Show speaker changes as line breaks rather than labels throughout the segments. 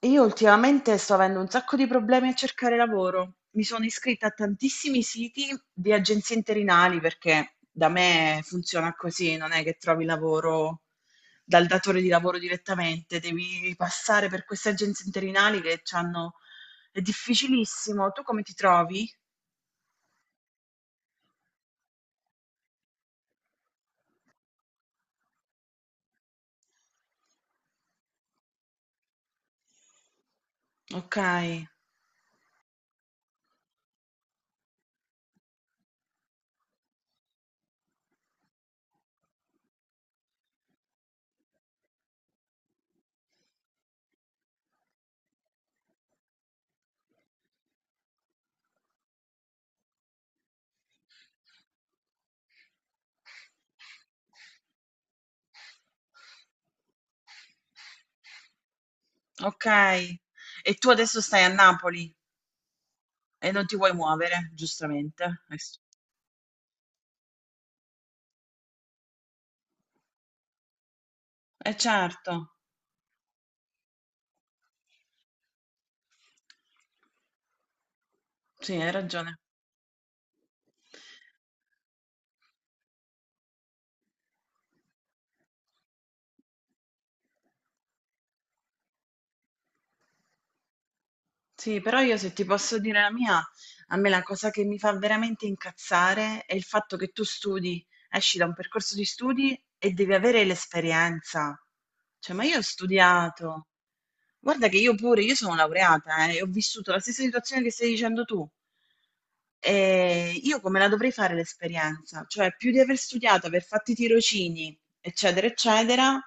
Io ultimamente sto avendo un sacco di problemi a cercare lavoro. Mi sono iscritta a tantissimi siti di agenzie interinali perché da me funziona così, non è che trovi lavoro dal datore di lavoro direttamente, devi passare per queste agenzie interinali che hanno... È difficilissimo. Tu come ti trovi? Ok, ok. E tu adesso stai a Napoli e non ti vuoi muovere, giustamente. Eh certo, sì, hai ragione. Sì, però io se ti posso dire la mia, a me la cosa che mi fa veramente incazzare è il fatto che tu studi. Esci da un percorso di studi e devi avere l'esperienza. Cioè, ma io ho studiato. Guarda che io pure, io sono laureata, e ho vissuto la stessa situazione che stai dicendo tu. E io come la dovrei fare l'esperienza? Cioè, più di aver studiato, aver fatto i tirocini, eccetera, eccetera,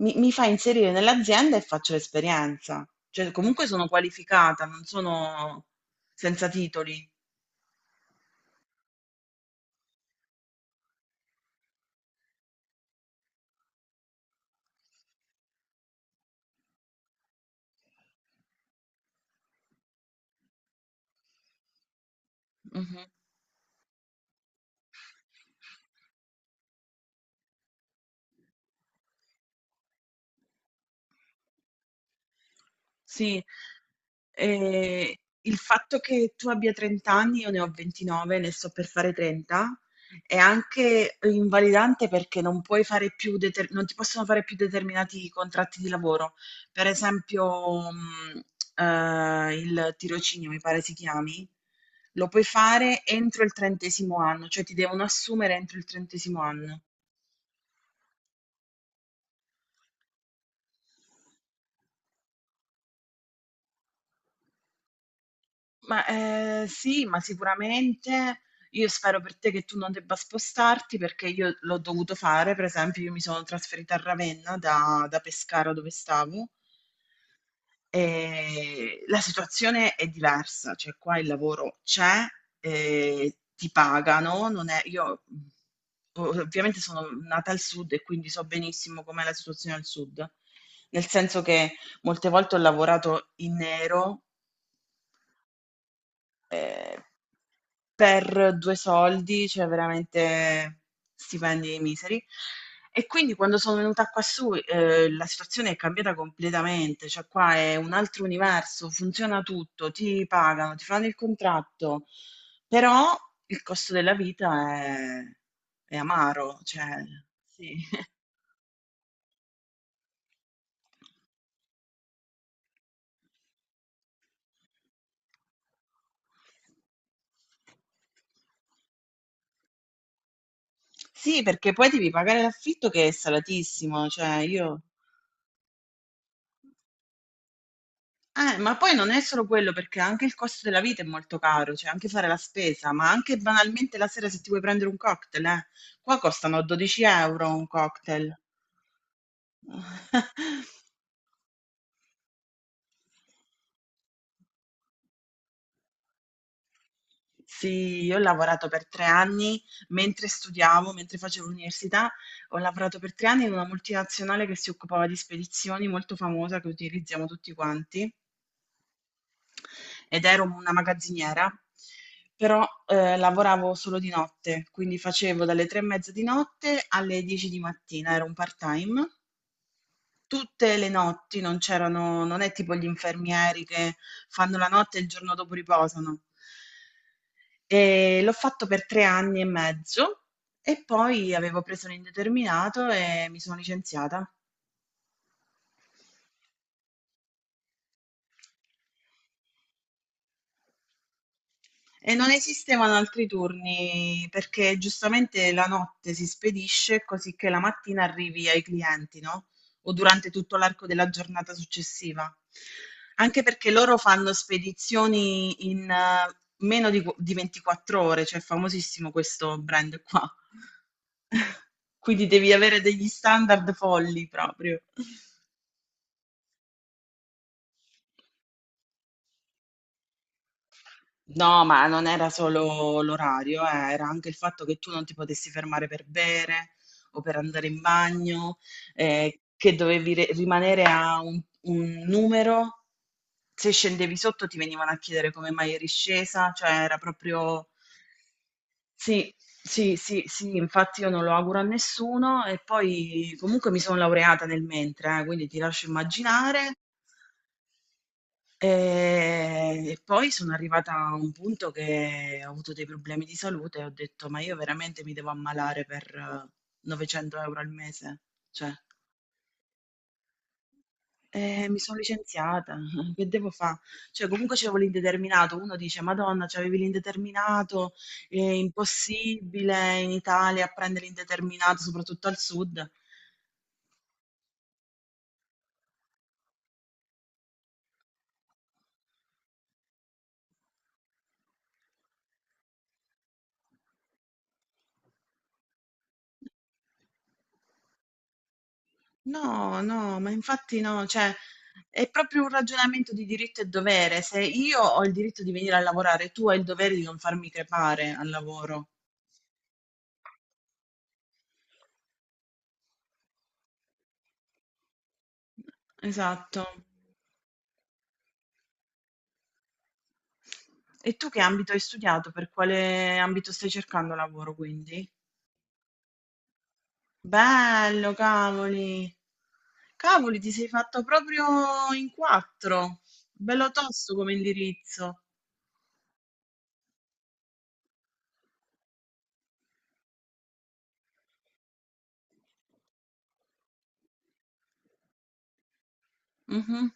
mi fa inserire nell'azienda e faccio l'esperienza. Cioè, comunque sono qualificata, non sono senza titoli. Sì, ehm, il fatto che tu abbia 30 anni, io ne ho 29, ne sto per fare 30, è anche invalidante perché non puoi fare più non ti possono fare più determinati contratti di lavoro. Per esempio, il tirocinio, mi pare si chiami, lo puoi fare entro il trentesimo anno, cioè ti devono assumere entro il trentesimo anno. Ma, sì, ma sicuramente io spero per te che tu non debba spostarti, perché io l'ho dovuto fare, per esempio io mi sono trasferita a Ravenna da Pescara dove stavo, la situazione è diversa, cioè qua il lavoro c'è, ehm, ti pagano, non è io, o ovviamente sono nata al sud e quindi so benissimo com'è la situazione al sud, nel senso che molte volte ho lavorato in nero. Ehm, per 2 soldi, cioè veramente stipendi miseri. E quindi quando sono venuta qua su, la situazione è cambiata completamente, cioè qua è un altro universo, funziona tutto, ti pagano, ti fanno il contratto, però il costo della vita è amaro, cioè sì. Sì, perché poi devi pagare l'affitto che è salatissimo, cioè io. Ma poi non è solo quello, perché anche il costo della vita è molto caro, cioè anche fare la spesa, ma anche banalmente la sera se ti vuoi prendere un cocktail, eh. Qua costano 12 euro un cocktail. Sì, io ho lavorato per 3 anni mentre studiavo, mentre facevo l'università, ho lavorato per 3 anni in una multinazionale che si occupava di spedizioni molto famosa che utilizziamo tutti quanti ed ero una magazziniera, però lavoravo solo di notte, quindi facevo dalle 3:30 di notte alle 10 di mattina, era un part-time. Tutte le notti non c'erano, non è tipo gli infermieri che fanno la notte e il giorno dopo riposano. E l'ho fatto per 3 anni e mezzo e poi avevo preso l'indeterminato e mi sono licenziata. E non esistevano altri turni perché giustamente la notte si spedisce così che la mattina arrivi ai clienti, no? O durante tutto l'arco della giornata successiva. Anche perché loro fanno spedizioni in meno di, di 24 ore, cioè è famosissimo questo brand qua. Quindi devi avere degli standard folli proprio. No, ma non era solo l'orario, era anche il fatto che tu non ti potessi fermare per bere o per andare in bagno, che dovevi rimanere a un numero. Se scendevi sotto ti venivano a chiedere come mai eri scesa, cioè era proprio... Sì, sì, sì, sì, infatti io non lo auguro a nessuno e poi comunque mi sono laureata nel mentre, quindi ti lascio immaginare. E poi sono arrivata a un punto che ho avuto dei problemi di salute e ho detto: "Ma io veramente mi devo ammalare per 900 euro € al mese? Cioè" e mi sono licenziata, che devo fa? Cioè comunque c'avevo l'indeterminato, uno dice: "Madonna, c'avevi l'indeterminato, è impossibile in Italia a prendere l'indeterminato, soprattutto al sud". No, no, ma infatti no, cioè è proprio un ragionamento di diritto e dovere. Se io ho il diritto di venire a lavorare, tu hai il dovere di non farmi crepare al lavoro. Esatto. E tu che ambito hai studiato? Per quale ambito stai cercando lavoro, quindi? Bello, cavoli. Cavoli, ti sei fatto proprio in quattro. Bello tosto come indirizzo. Mhm.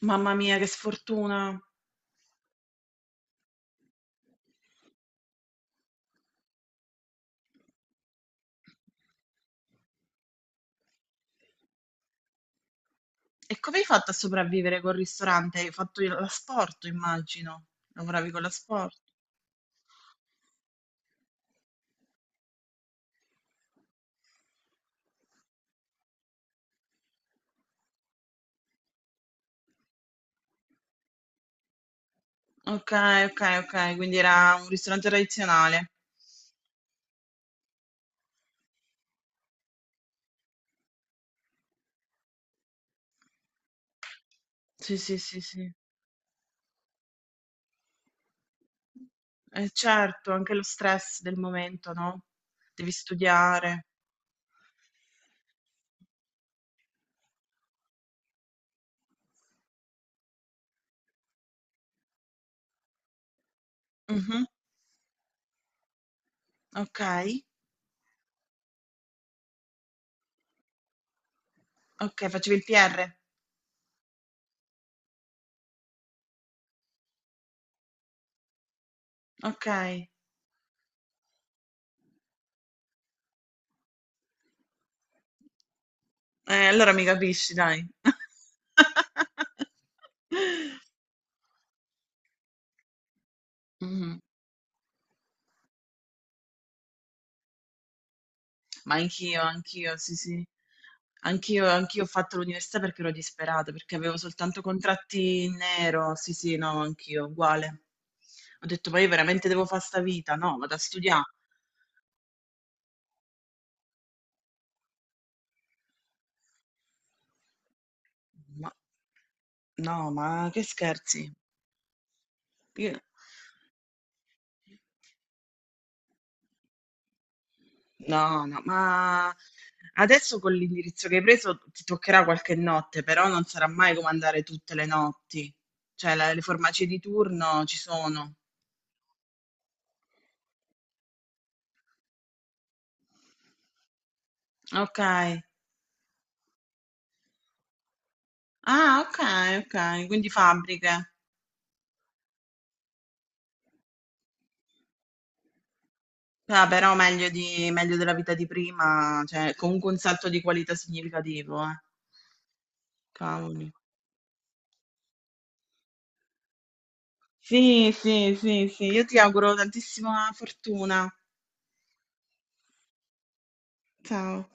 Mamma mia, che sfortuna. E come hai fatto a sopravvivere col ristorante? Hai fatto l'asporto, immagino. Lavoravi con l'asporto. Ok, ok, ok, quindi era un ristorante tradizionale. Sì, sì, sì, sì. E certo, anche lo stress del momento, no? Devi studiare. Mhm. Ok, ok, facevi il PR. Ok, allora mi capisci, dai. Mhm. Ma anch'io, anch'io, sì, sì. Anch'io, anch'io ho fatto l'università perché ero disperata, perché avevo soltanto contratti in nero. Sì, sì, no, anch'io, uguale. Ho detto, ma io veramente devo fare sta vita? No, vado a studiare. Ma- no, ma che scherzi? Io- no, no, ma adesso con l'indirizzo che hai preso ti toccherà qualche notte, però non sarà mai come andare tutte le notti. Cioè, la- le farmacie di turno ci sono. Ok. Ah, ok, ok, quindi fabbriche. Ah, però meglio, di- meglio della vita di prima, cioè comunque un salto di qualità significativo, eh. Cavoli. Sì, sì, sì, sì, io ti auguro tantissima fortuna. Ciao.